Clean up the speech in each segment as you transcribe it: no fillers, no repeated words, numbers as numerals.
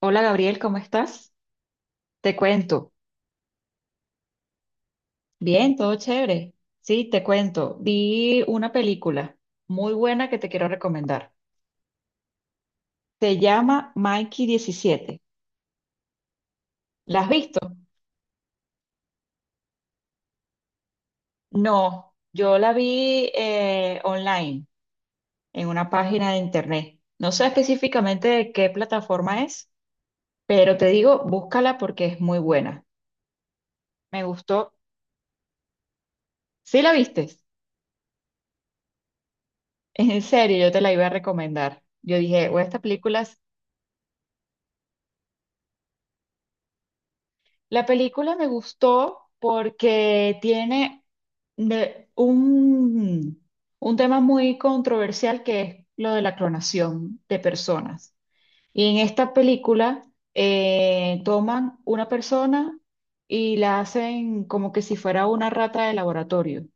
Hola, Gabriel, ¿cómo estás? Te cuento. Bien, todo chévere. Sí, te cuento. Vi una película muy buena que te quiero recomendar. Se llama Mikey 17. ¿La has visto? No, yo la vi online, en una página de internet. No sé específicamente de qué plataforma es, pero te digo, búscala porque es muy buena. Me gustó. ¿Sí la viste? En serio, yo te la iba a recomendar. Yo dije, o esta película. La película me gustó porque tiene de- un, un tema muy controversial que es lo de la clonación de personas. Y en esta película toman una persona y la hacen como que si fuera una rata de laboratorio.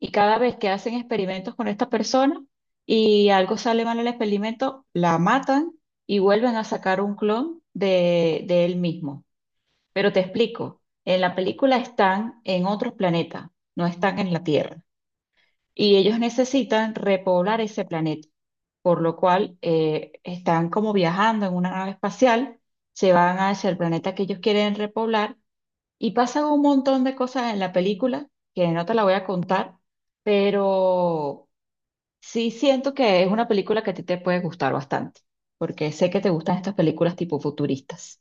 Y cada vez que hacen experimentos con esta persona y algo sale mal en el experimento, la matan y vuelven a sacar un clon de él mismo. Pero te explico, en la película están en otros planetas, no están en la Tierra. Y ellos necesitan repoblar ese planeta, por lo cual están como viajando en una nave espacial, se van hacia el planeta que ellos quieren repoblar y pasan un montón de cosas en la película que no te la voy a contar, pero sí siento que es una película que a ti te puede gustar bastante, porque sé que te gustan estas películas tipo futuristas.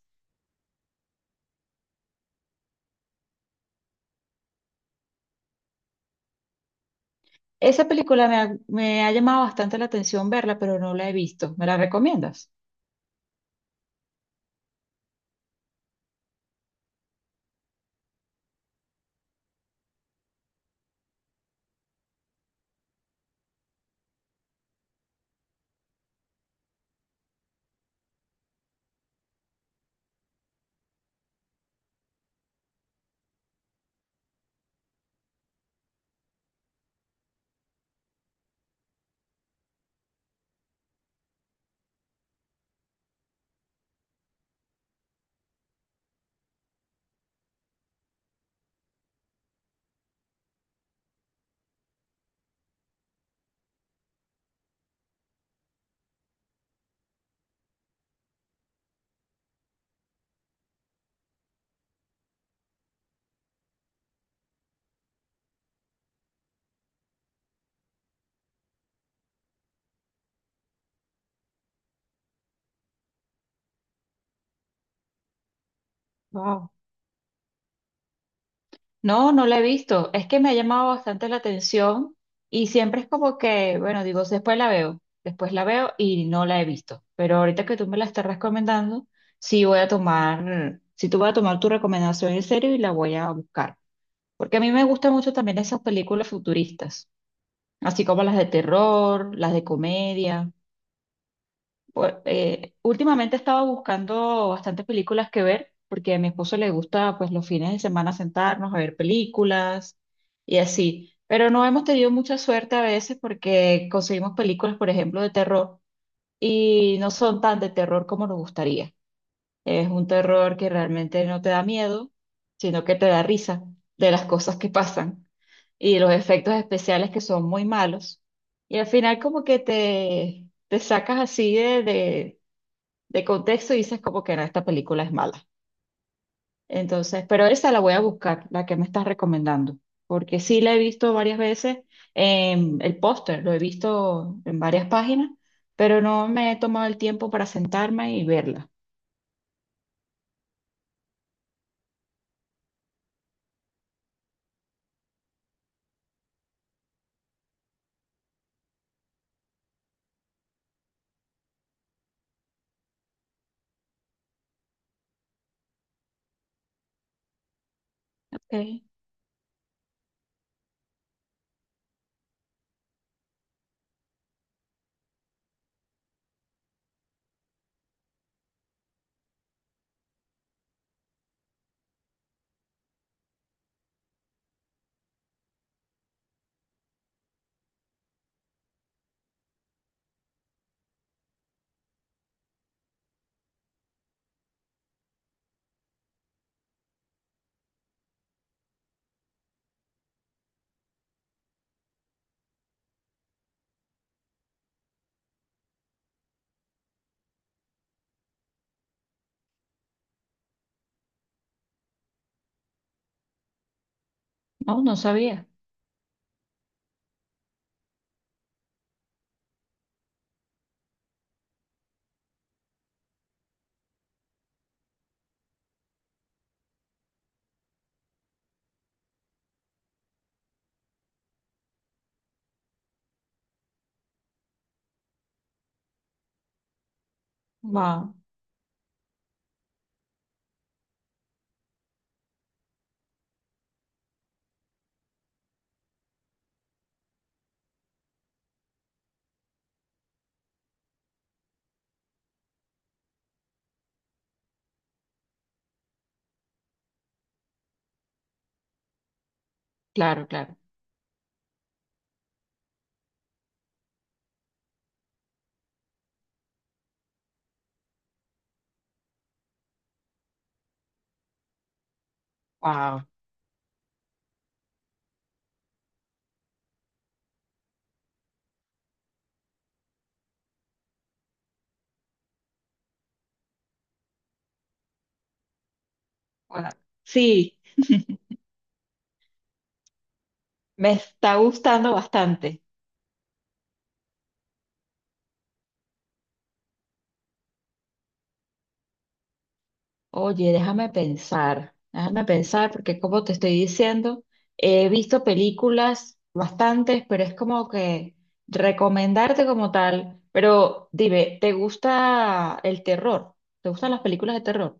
Esa película me ha llamado bastante la atención verla, pero no la he visto. ¿Me la recomiendas? Wow. No, no la he visto. Es que me ha llamado bastante la atención y siempre es como que, bueno, digo, después la veo y no la he visto. Pero ahorita que tú me la estás recomendando, sí tú voy a tomar tu recomendación en serio y la voy a buscar. Porque a mí me gustan mucho también esas películas futuristas, así como las de terror, las de comedia. Últimamente estaba buscando bastantes películas que ver, porque a mi esposo le gusta, pues, los fines de semana sentarnos a ver películas y así. Pero no hemos tenido mucha suerte a veces porque conseguimos películas, por ejemplo, de terror y no son tan de terror como nos gustaría. Es un terror que realmente no te da miedo, sino que te da risa de las cosas que pasan y los efectos especiales que son muy malos. Y al final como que te sacas así de contexto y dices como que no, esta película es mala. Entonces, pero esa la voy a buscar, la que me estás recomendando, porque sí la he visto varias veces, en el póster lo he visto en varias páginas, pero no me he tomado el tiempo para sentarme y verla. Okay. No, no sabía. Wow, claro, claro. Wow. Sí, me está gustando bastante. Oye, déjame pensar, porque como te estoy diciendo, he visto películas bastantes, pero es como que recomendarte como tal. Pero dime, ¿te gusta el terror? ¿Te gustan las películas de terror?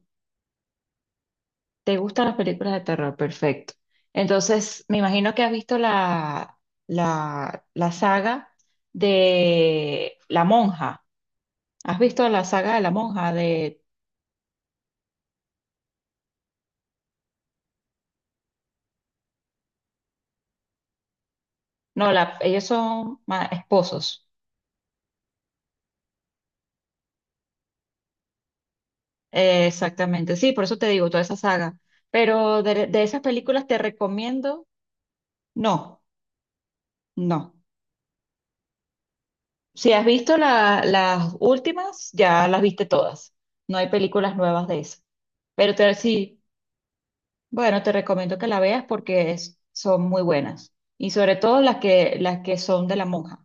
¿Te gustan las películas de terror? Perfecto. Entonces, me imagino que has visto la saga de La Monja. ¿Has visto la saga de La Monja? De, no, la, ellos son esposos. Exactamente, sí, por eso te digo, toda esa saga. Pero de esas películas te recomiendo, no, no. Si has visto las últimas, ya las viste todas. No hay películas nuevas de eso. Pero te, sí, bueno, te recomiendo que la veas porque son muy buenas. Y sobre todo las que son de la monja.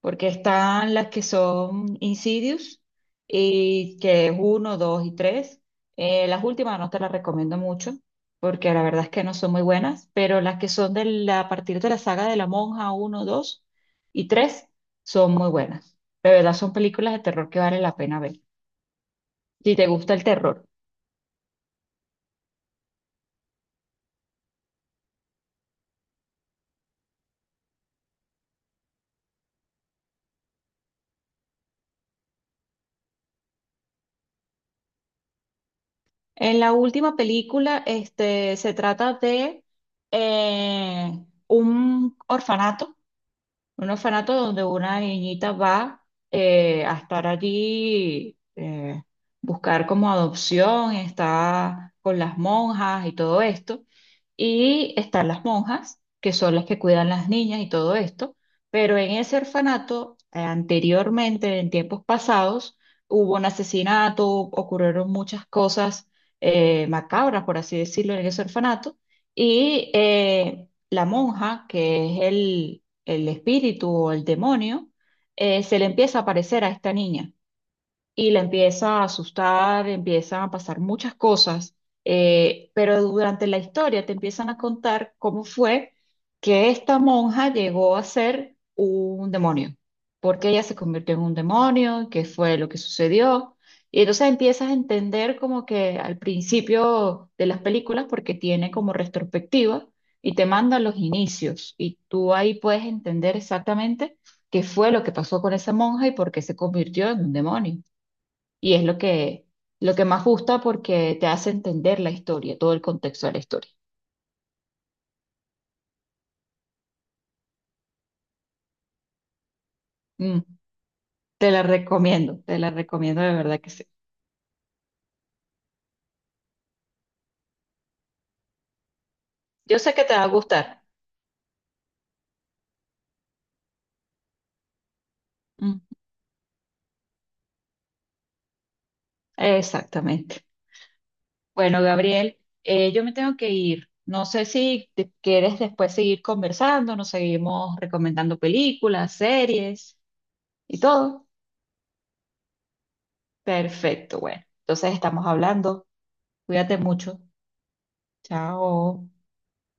Porque están las que son Insidious, y que es uno, dos y tres. Las últimas no te las recomiendo mucho, porque la verdad es que no son muy buenas, pero las que son de a partir de la saga de la monja uno, dos y tres son muy buenas. De verdad son películas de terror que vale la pena ver, si te gusta el terror. En la última película, este, se trata de un orfanato. Un orfanato donde una niñita va a estar allí, buscar como adopción, está con las monjas y todo esto. Y están las monjas, que son las que cuidan las niñas y todo esto. Pero en ese orfanato, anteriormente, en tiempos pasados, hubo un asesinato, ocurrieron muchas cosas macabras, por así decirlo, en ese orfanato. Y la monja, que es el espíritu o el demonio, se le empieza a aparecer a esta niña y la empieza a asustar, empiezan a pasar muchas cosas, pero durante la historia te empiezan a contar cómo fue que esta monja llegó a ser un demonio, porque ella se convirtió en un demonio, qué fue lo que sucedió. Y entonces empiezas a entender como que al principio de las películas, porque tiene como retrospectiva y te manda los inicios y tú ahí puedes entender exactamente qué fue lo que pasó con esa monja y por qué se convirtió en un demonio. Y es lo que más gusta porque te hace entender la historia, todo el contexto de la historia. Mm, te la recomiendo de verdad que sí. Yo sé que te va a gustar. Mm, exactamente. Bueno, Gabriel, yo me tengo que ir. No sé si te quieres después seguir conversando, nos seguimos recomendando películas, series y todo. Perfecto, bueno. Entonces estamos hablando. Cuídate mucho. Chao.